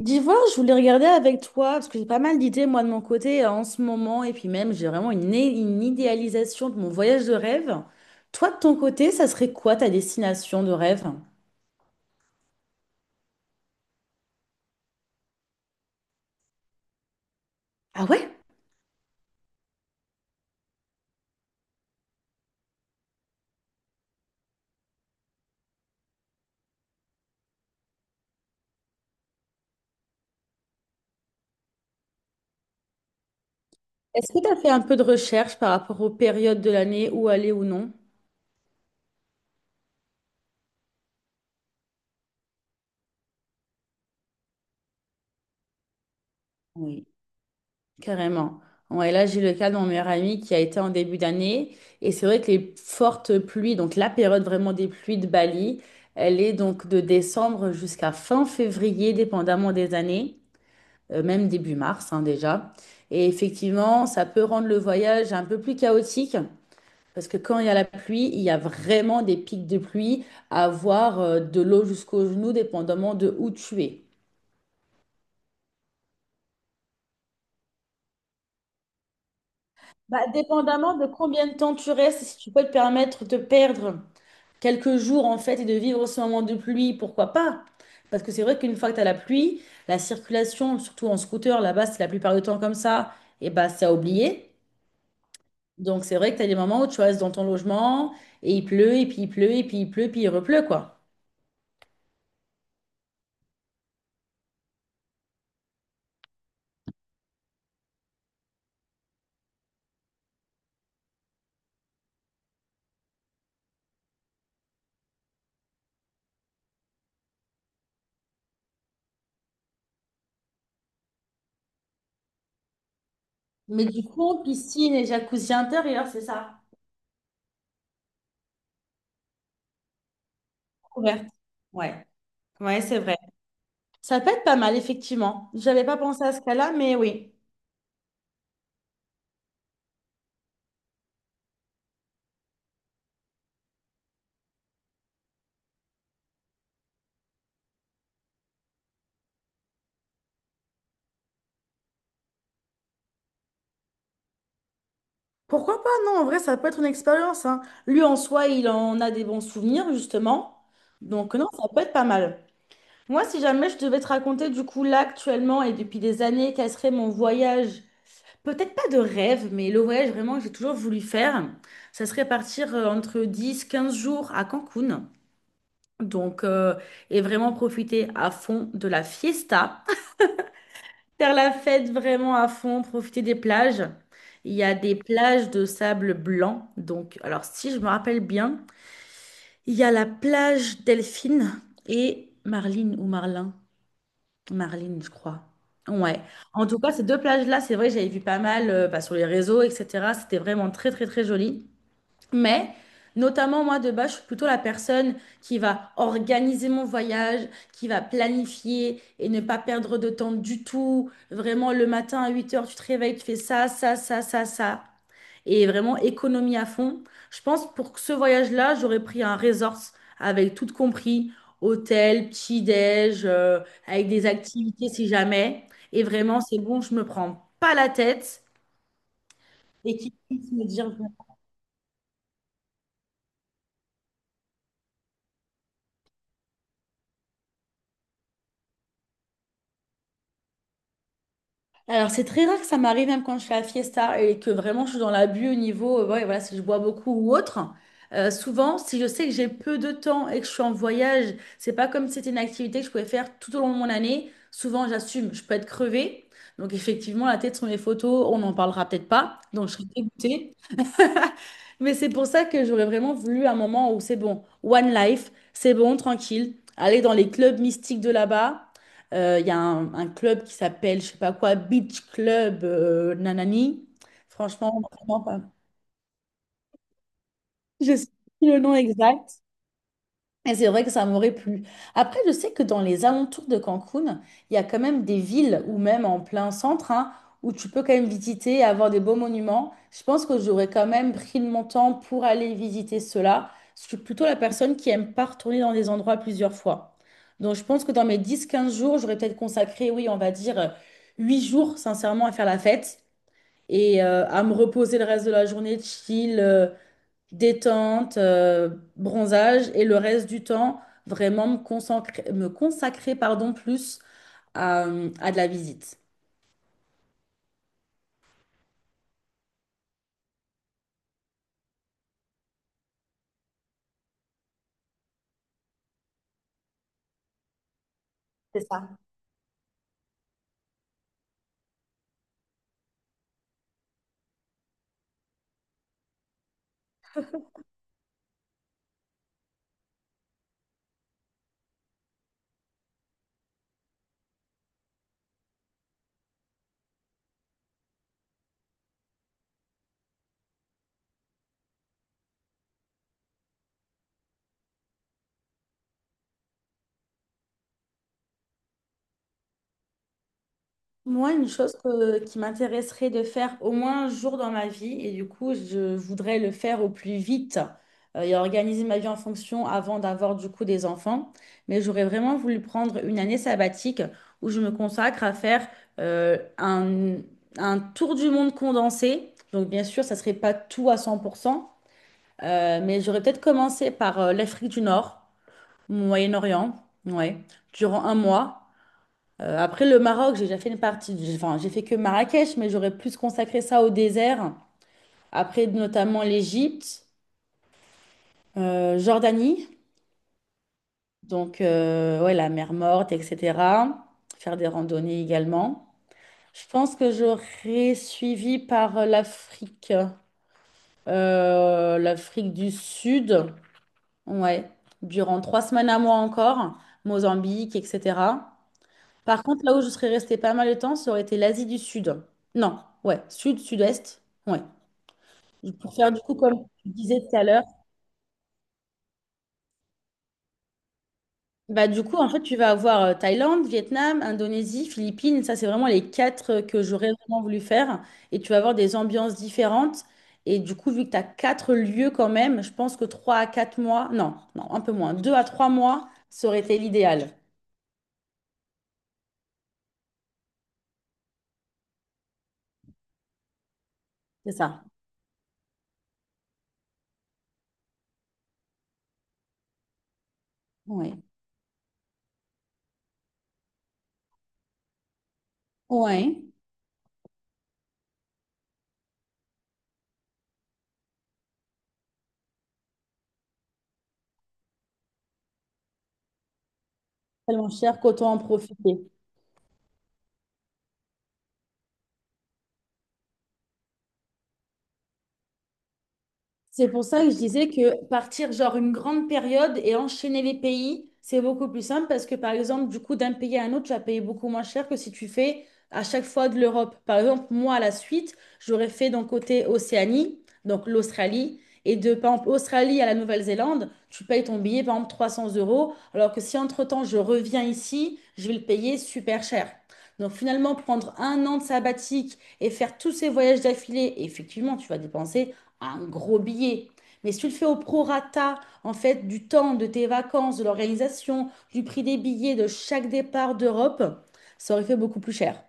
D'Ivoire, je voulais regarder avec toi, parce que j'ai pas mal d'idées, moi, de mon côté, en ce moment, et puis même, j'ai vraiment une idéalisation de mon voyage de rêve. Toi, de ton côté, ça serait quoi ta destination de rêve? Ah ouais? Est-ce que tu as fait un peu de recherche par rapport aux périodes de l'année où aller ou non? Oui, carrément. Ouais, là, j'ai le cas de mon meilleur ami qui a été en début d'année. Et c'est vrai que les fortes pluies, donc la période vraiment des pluies de Bali, elle est donc de décembre jusqu'à fin février, dépendamment des années. Même début mars hein, déjà. Et effectivement, ça peut rendre le voyage un peu plus chaotique parce que quand il y a la pluie, il y a vraiment des pics de pluie à avoir de l'eau jusqu'aux genoux, dépendamment de où tu es. Bah, dépendamment de combien de temps tu restes, si tu peux te permettre de perdre quelques jours en fait et de vivre ce moment de pluie, pourquoi pas? Parce que c'est vrai qu'une fois que tu as la pluie, la circulation, surtout en scooter, là-bas, c'est la plupart du temps comme ça, et bah c'est à oublier. Donc, c'est vrai que tu as des moments où tu restes dans ton logement et il pleut, et puis il pleut, et puis il pleut, puis il repleut, quoi. Mais du coup, piscine et jacuzzi intérieur, c'est ça? Couverte. Ouais, ouais, c'est vrai. Ça peut être pas mal, effectivement. J'avais pas pensé à ce cas-là, mais oui. Pourquoi pas? Non, en vrai, ça peut être une expérience, hein. Lui, en soi, il en a des bons souvenirs, justement. Donc, non, ça peut être pas mal. Moi, si jamais je devais te raconter, du coup, là, actuellement, et depuis des années, quel serait mon voyage? Peut-être pas de rêve, mais le voyage vraiment que j'ai toujours voulu faire, ça serait partir entre 10-15 jours à Cancun. Donc, et vraiment profiter à fond de la fiesta. Faire la fête vraiment à fond, profiter des plages. Il y a des plages de sable blanc. Donc, alors si je me rappelle bien, il y a la plage Delphine et Marline ou Marlin. Marlene, je crois. Ouais. En tout cas, ces deux plages-là, c'est vrai, que j'avais vu pas mal bah, sur les réseaux, etc. C'était vraiment très, très, très joli. Mais, notamment, moi, de base, je suis plutôt la personne qui va organiser mon voyage, qui va planifier et ne pas perdre de temps du tout. Vraiment, le matin à 8 heures, tu te réveilles, tu fais ça, ça, ça, ça, ça et vraiment économie à fond. Je pense pour ce voyage-là, j'aurais pris un resort avec tout compris, hôtel, petit-déj, avec des activités si jamais. Et vraiment, c'est bon, je me prends pas la tête et qui puisse me dire bon, alors, c'est très rare que ça m'arrive, même quand je fais la fiesta et que vraiment je suis dans l'abus au niveau, ouais, voilà, si je bois beaucoup ou autre. Souvent, si je sais que j'ai peu de temps et que je suis en voyage, c'est pas comme si c'était une activité que je pouvais faire tout au long de mon année. Souvent, j'assume, je peux être crevée. Donc, effectivement, la tête sur mes photos, on n'en parlera peut-être pas. Donc, je serai dégoûtée. Mais c'est pour ça que j'aurais vraiment voulu un moment où c'est bon, one life, c'est bon, tranquille, aller dans les clubs mystiques de là-bas. Il y a un club qui s'appelle, je sais pas quoi, Beach Club Nanani. Franchement, vraiment pas. Je sais plus le nom exact. Et c'est vrai que ça m'aurait plu. Après, je sais que dans les alentours de Cancun, il y a quand même des villes ou même en plein centre hein, où tu peux quand même visiter et avoir des beaux monuments. Je pense que j'aurais quand même pris de mon temps pour aller visiter cela. Je suis plutôt la personne qui aime pas retourner dans des endroits plusieurs fois. Donc, je pense que dans mes 10-15 jours, j'aurais peut-être consacré, oui, on va dire 8 jours, sincèrement, à faire la fête et à me reposer le reste de la journée, chill, détente, bronzage, et le reste du temps, vraiment me consacrer, pardon, plus à, à de la visite. C'est ça. Moi, une chose qui m'intéresserait de faire au moins un jour dans ma vie, et du coup, je voudrais le faire au plus vite et organiser ma vie en fonction avant d'avoir du coup des enfants. Mais j'aurais vraiment voulu prendre une année sabbatique où je me consacre à faire euh, un, un tour du monde condensé. Donc, bien sûr, ça serait pas tout à 100%. Mais j'aurais peut-être commencé par l'Afrique du Nord, Moyen-Orient, ouais, durant un mois. Après le Maroc, j'ai déjà fait une partie, enfin, j'ai fait que Marrakech, mais j'aurais plus consacré ça au désert. Après, notamment l'Égypte, Jordanie, donc ouais, la mer Morte, etc. Faire des randonnées également. Je pense que j'aurais suivi par l'Afrique, l'Afrique du Sud. Ouais, durant 3 semaines à moi encore, Mozambique, etc. Par contre, là où je serais restée pas mal de temps, ça aurait été l'Asie du Sud. Non, ouais, Sud, Sud-Est, ouais. Et pour faire du coup, comme tu disais tout à l'heure, bah du coup, en fait, tu vas avoir Thaïlande, Vietnam, Indonésie, Philippines, ça c'est vraiment les quatre que j'aurais vraiment voulu faire. Et tu vas avoir des ambiances différentes. Et du coup, vu que tu as quatre lieux quand même, je pense que trois à quatre mois, non, non, un peu moins, deux à trois mois, ça aurait été l'idéal. C'est ça, ouais. Ouais, tellement cher qu'autant en profiter. C'est pour ça que je disais que partir genre une grande période et enchaîner les pays, c'est beaucoup plus simple parce que par exemple, du coup, d'un pays à un autre, tu vas payer beaucoup moins cher que si tu fais à chaque fois de l'Europe. Par exemple, moi, à la suite, j'aurais fait d'un côté Océanie, donc l'Australie, et de par exemple Australie à la Nouvelle-Zélande, tu payes ton billet par exemple 300 euros, alors que si entre-temps je reviens ici, je vais le payer super cher. Donc finalement, prendre un an de sabbatique et faire tous ces voyages d'affilée, effectivement, tu vas dépenser un gros billet. Mais si tu le fais au prorata, en fait, du temps, de tes vacances, de l'organisation, du prix des billets de chaque départ d'Europe, ça aurait fait beaucoup plus cher.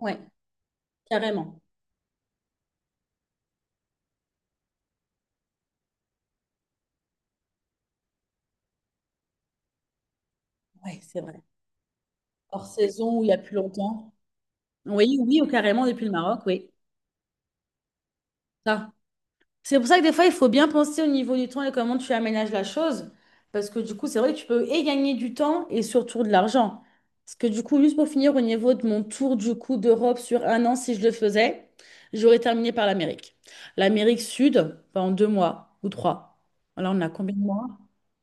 Ouais, carrément. Ouais, c'est vrai. Hors saison ou il y a plus longtemps. Oui, oui, ou carrément depuis le Maroc, oui. Ça, c'est pour ça que des fois, il faut bien penser au niveau du temps et comment tu aménages la chose. Parce que du coup, c'est vrai que tu peux et gagner du temps et surtout de l'argent. Parce que du coup, juste pour finir, au niveau de mon tour du coup d'Europe sur un an, si je le faisais, j'aurais terminé par l'Amérique. L'Amérique Sud, enfin, en deux mois ou trois. Alors, on a combien de mois?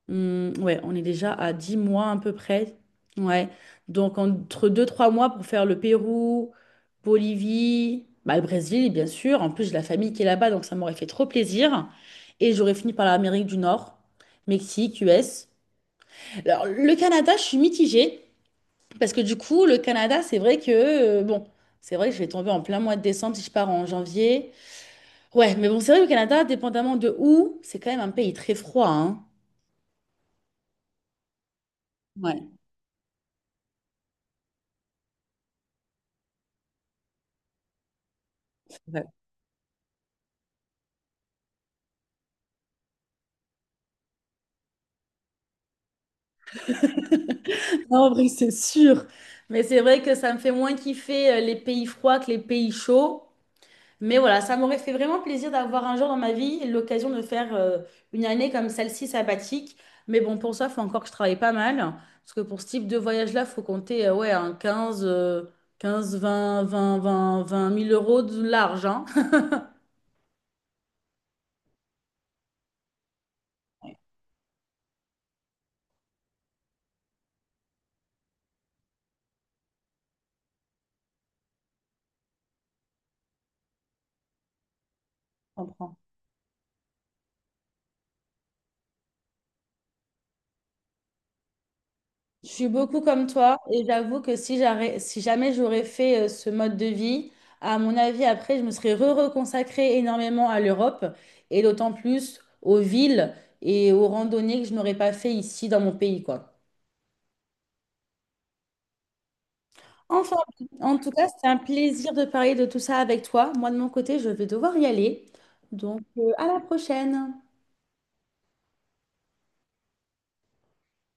Hmm, ouais, on est déjà à 10 mois à peu près. Ouais. Donc entre deux trois mois pour faire le Pérou, Bolivie, bah, le Brésil, bien sûr. En plus, j'ai la famille qui est là-bas, donc ça m'aurait fait trop plaisir. Et j'aurais fini par l'Amérique du Nord, Mexique, US. Alors, le Canada, je suis mitigée, parce que du coup, le Canada, c'est vrai que, bon, c'est vrai que je vais tomber en plein mois de décembre si je pars en janvier. Ouais, mais bon, c'est vrai que le Canada, dépendamment de où, c'est quand même un pays très froid, hein. Ouais. Non, en vrai, c'est sûr. Mais c'est vrai que ça me fait moins kiffer les pays froids que les pays chauds. Mais voilà, ça m'aurait fait vraiment plaisir d'avoir un jour dans ma vie l'occasion de faire une année comme celle-ci sabbatique. Mais bon, pour ça, il faut encore que je travaille pas mal. Parce que pour ce type de voyage-là, il faut compter ouais, un 15, 15, 20, 20, 20 20 000 euros de large. Hein. Je comprends. Je suis beaucoup comme toi et j'avoue que si jamais j'aurais fait ce mode de vie, à mon avis, après, je me serais re-reconsacrée énormément à l'Europe et d'autant plus aux villes et aux randonnées que je n'aurais pas fait ici dans mon pays, quoi. Enfin, en tout cas, c'était un plaisir de parler de tout ça avec toi. Moi, de mon côté, je vais devoir y aller. Donc, à la prochaine.